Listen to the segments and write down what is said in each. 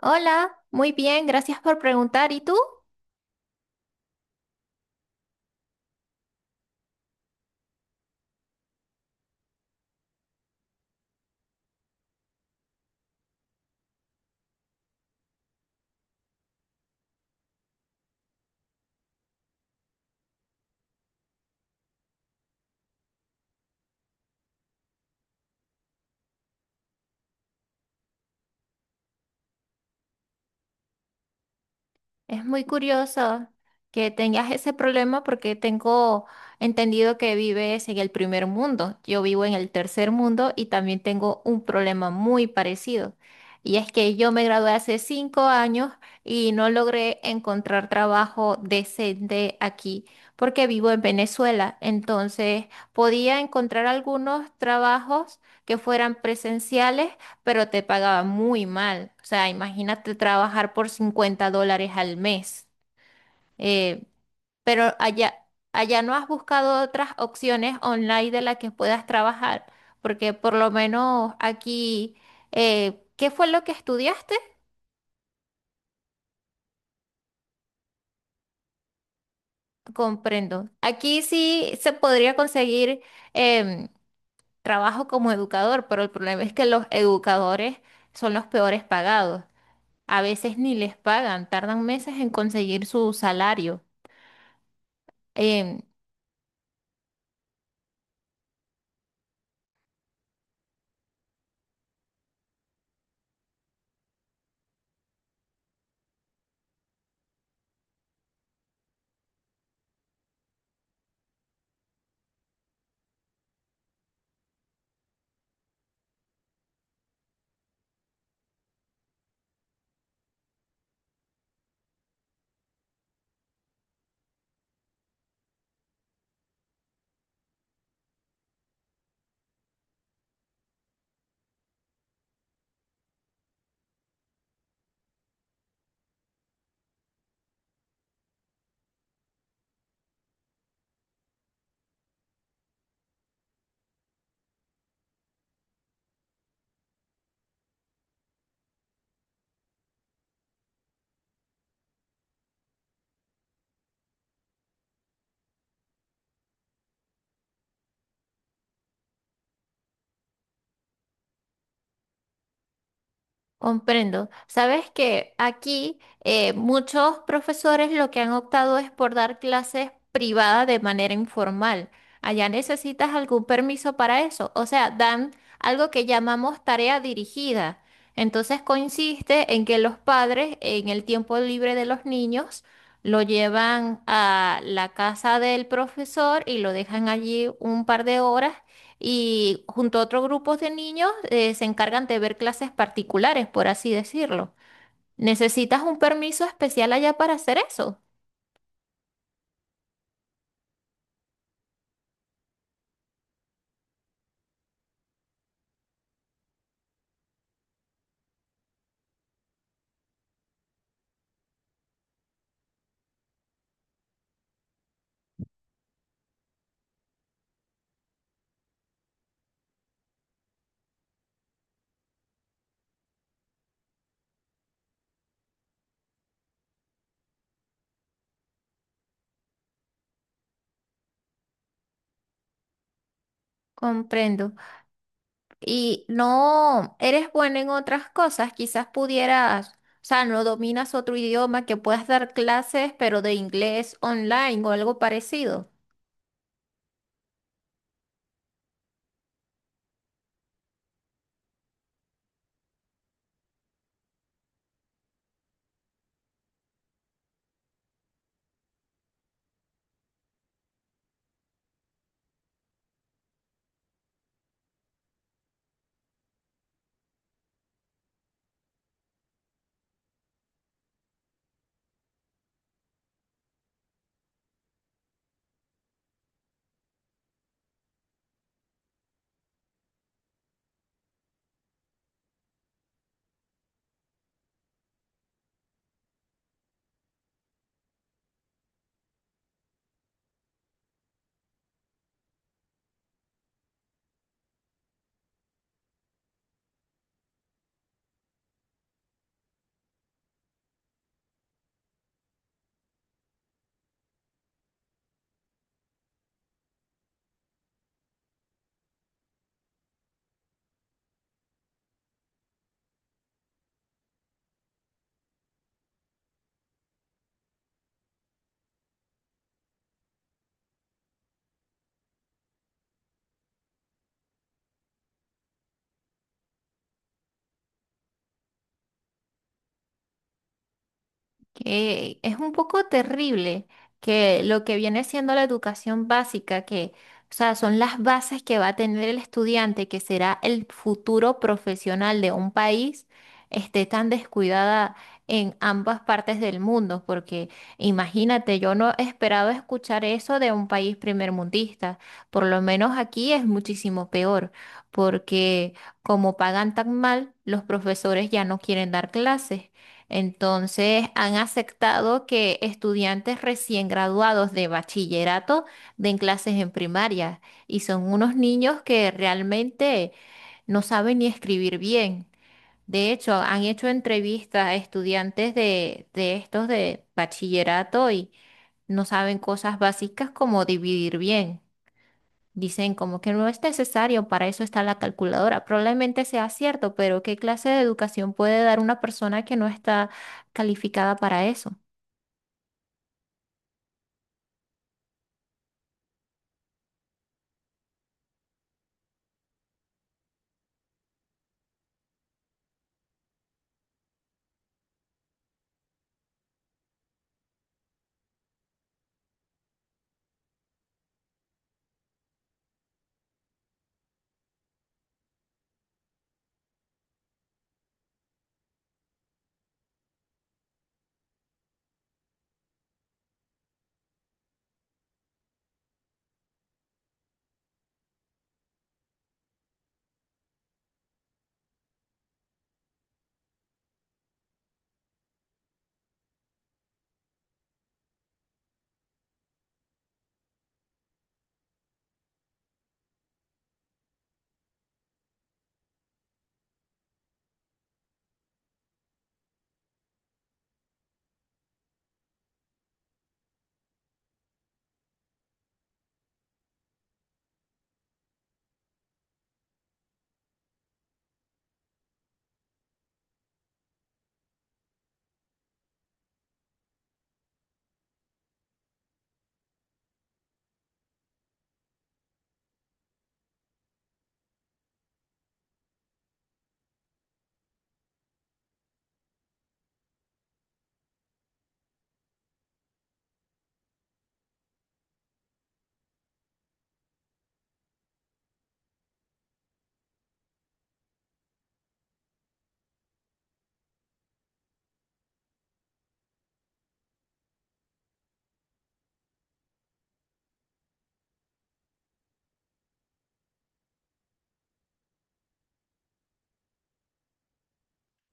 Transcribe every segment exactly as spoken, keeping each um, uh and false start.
Hola, muy bien, gracias por preguntar. ¿Y tú? Es muy curioso que tengas ese problema porque tengo entendido que vives en el primer mundo. Yo vivo en el tercer mundo y también tengo un problema muy parecido. Y es que yo me gradué hace cinco años y no logré encontrar trabajo decente aquí porque vivo en Venezuela. Entonces podía encontrar algunos trabajos que fueran presenciales pero te pagaba muy mal. O sea, imagínate trabajar por cincuenta dólares al mes. Eh, pero allá, allá no has buscado otras opciones online de las que puedas trabajar, porque por lo menos aquí, eh, ¿qué fue lo que estudiaste? Comprendo. Aquí sí se podría conseguir em, trabajo como educador, pero el problema es que los educadores son los peores pagados. A veces ni les pagan, tardan meses en conseguir su salario. Em, comprendo. Sabes que aquí eh, muchos profesores lo que han optado es por dar clases privadas de manera informal. Allá necesitas algún permiso para eso. O sea, dan algo que llamamos tarea dirigida. Entonces consiste en que los padres en el tiempo libre de los niños lo llevan a la casa del profesor y lo dejan allí un par de horas y junto a otros grupos de niños eh, se encargan de ver clases particulares, por así decirlo. ¿Necesitas un permiso especial allá para hacer eso? Comprendo. ¿Y no eres buena en otras cosas? Quizás pudieras, o sea, ¿no dominas otro idioma que puedas dar clases, pero de inglés online o algo parecido? Que es un poco terrible que lo que viene siendo la educación básica, que, o sea, son las bases que va a tener el estudiante, que será el futuro profesional de un país, esté tan descuidada en ambas partes del mundo, porque imagínate, yo no esperaba escuchar eso de un país primermundista. Por lo menos aquí es muchísimo peor, porque como pagan tan mal, los profesores ya no quieren dar clases. Entonces, han aceptado que estudiantes recién graduados de bachillerato den clases en primaria y son unos niños que realmente no saben ni escribir bien. De hecho, han hecho entrevistas a estudiantes de, de estos de bachillerato y no saben cosas básicas como dividir bien. Dicen como que no es necesario, para eso está la calculadora. Probablemente sea cierto, pero ¿qué clase de educación puede dar una persona que no está calificada para eso?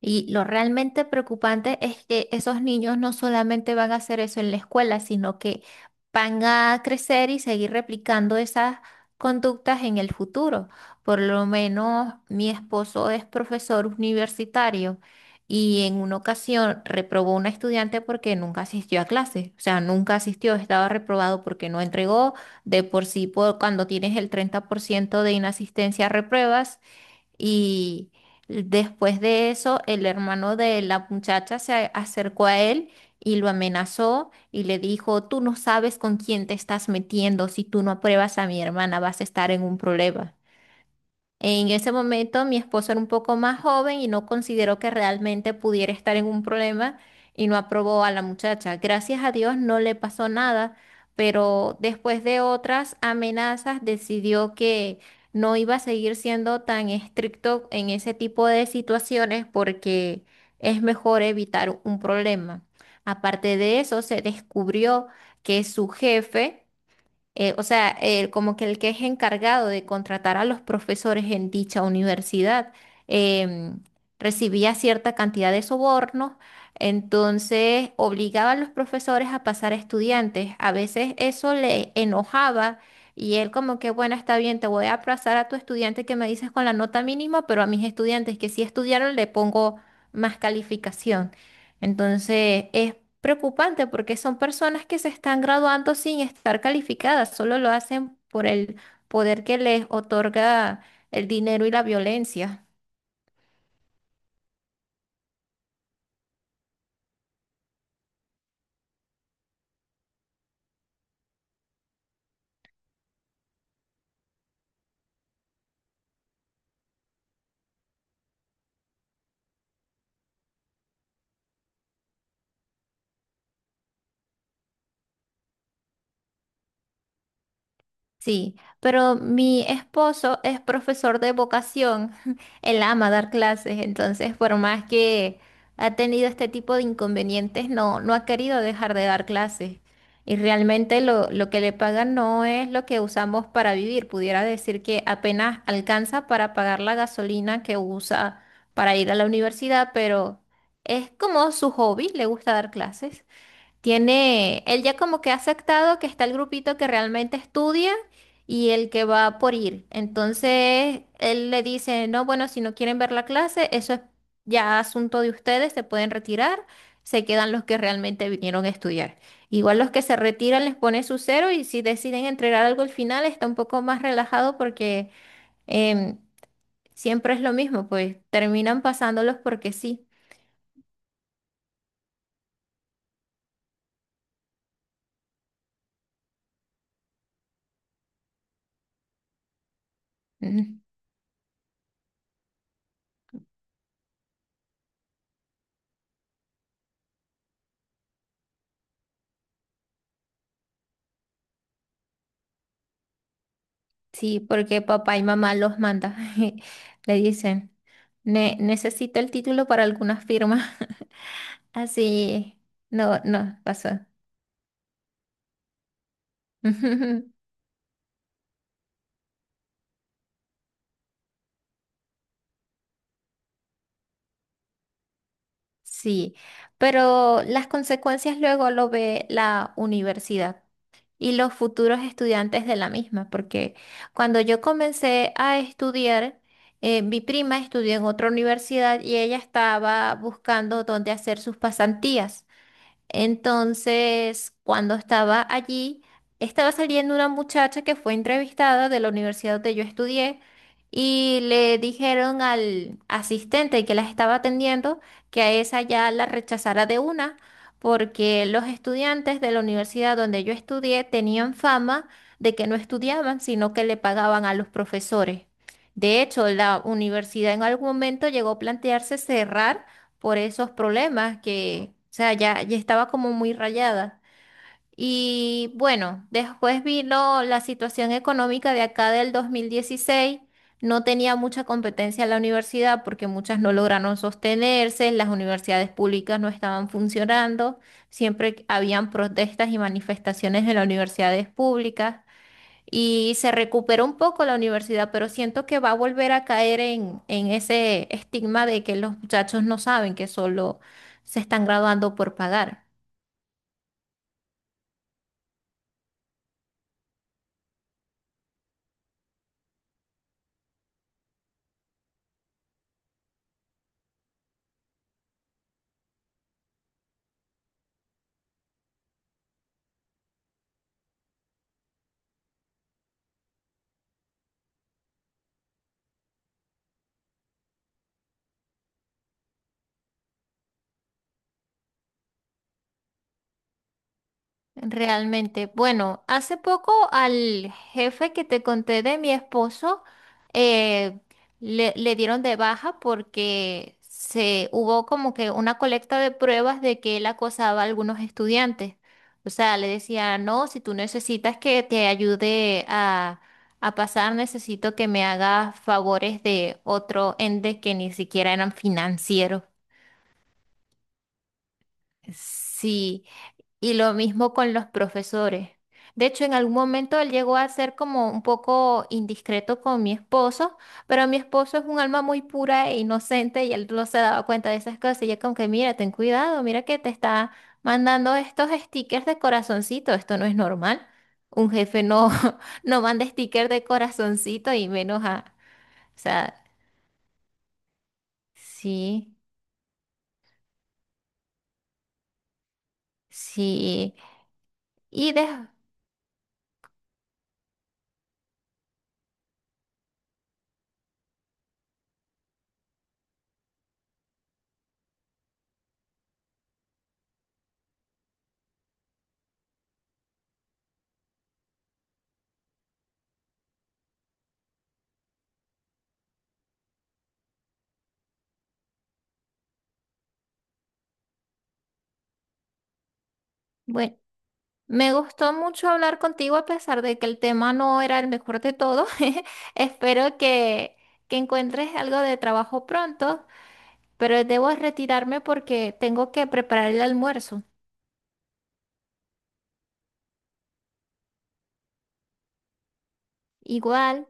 Y lo realmente preocupante es que esos niños no solamente van a hacer eso en la escuela, sino que van a crecer y seguir replicando esas conductas en el futuro. Por lo menos mi esposo es profesor universitario y en una ocasión reprobó una estudiante porque nunca asistió a clase. O sea, nunca asistió, estaba reprobado porque no entregó. De por sí, por- cuando tienes el treinta por ciento de inasistencia, repruebas. Y después de eso, el hermano de la muchacha se a- acercó a él y lo amenazó y le dijo: "Tú no sabes con quién te estás metiendo, si tú no apruebas a mi hermana vas a estar en un problema." En ese momento mi esposo era un poco más joven y no consideró que realmente pudiera estar en un problema y no aprobó a la muchacha. Gracias a Dios no le pasó nada, pero después de otras amenazas decidió que no iba a seguir siendo tan estricto en ese tipo de situaciones porque es mejor evitar un problema. Aparte de eso, se descubrió que su jefe, eh, o sea, eh, como que el que es encargado de contratar a los profesores en dicha universidad, em, recibía cierta cantidad de sobornos. Entonces obligaba a los profesores a pasar a estudiantes. A veces eso le enojaba y él como que, bueno, está bien, te voy a pasar a tu estudiante que me dices con la nota mínima, pero a mis estudiantes que sí estudiaron le pongo más calificación. Entonces, es preocupante porque son personas que se están graduando sin estar calificadas, solo lo hacen por el poder que les otorga el dinero y la violencia. Sí, pero mi esposo es profesor de vocación, él ama dar clases, entonces por más que ha tenido este tipo de inconvenientes, no, no ha querido dejar de dar clases. Y realmente lo, lo que le pagan no es lo que usamos para vivir, pudiera decir que apenas alcanza para pagar la gasolina que usa para ir a la universidad, pero es como su hobby, le gusta dar clases. Tiene, él ya como que ha aceptado que está el grupito que realmente estudia y el que va por ir. Entonces, él le dice: "No, bueno, si no quieren ver la clase, eso es ya asunto de ustedes, se pueden retirar, se quedan los que realmente vinieron a estudiar." Igual los que se retiran les pone su cero y si deciden entregar algo al final está un poco más relajado porque, em, siempre es lo mismo, pues terminan pasándolos porque sí. Ujú. Sí, porque papá y mamá los manda. Le dicen: "Ne- necesito el título para alguna firma." Así, no, no, pasó. Sí, pero las consecuencias luego lo ve la universidad y los futuros estudiantes de la misma, porque cuando yo comencé a estudiar, eh, mi prima estudió en otra universidad y ella estaba buscando dónde hacer sus pasantías. Entonces, cuando estaba allí, estaba saliendo una muchacha que fue entrevistada de la universidad donde yo estudié y le dijeron al asistente que las estaba atendiendo que a esa ya la rechazara de una, porque los estudiantes de la universidad donde yo estudié tenían fama de que no estudiaban, sino que le pagaban a los profesores. De hecho, la universidad en algún momento llegó a plantearse cerrar por esos problemas, que, o sea, ya, ya estaba como muy rayada. Y bueno, después vino la situación económica de acá del dos mil dieciséis. No tenía mucha competencia en la universidad porque muchas no lograron sostenerse, las universidades públicas no estaban funcionando, siempre habían protestas y manifestaciones en las universidades públicas y se recuperó un poco la universidad, pero siento que va a volver a caer en, en ese estigma de que los muchachos no saben, que solo se están graduando por pagar. Realmente, bueno, hace poco al jefe que te conté de mi esposo, eh, le, le dieron de baja porque se hubo como que una colecta de pruebas de que él acosaba a algunos estudiantes. O sea, le decía: "No, si tú necesitas que te ayude a, a pasar, necesito que me hagas favores de otro ente que ni siquiera eran financieros." Sí. Y lo mismo con los profesores. De hecho, en algún momento él llegó a ser como un poco indiscreto con mi esposo, pero mi esposo es un alma muy pura e inocente y él no se daba cuenta de esas cosas. Y yo como que, mira, ten cuidado, mira que te está mandando estos stickers de corazoncito, esto no es normal. Un jefe no, no manda stickers de corazoncito y menos a... O sea, sí, sí. Y de... Bueno. Me gustó mucho hablar contigo a pesar de que el tema no era el mejor de todos. Espero que, que encuentres algo de trabajo pronto, pero debo retirarme porque tengo que preparar el almuerzo. Igual.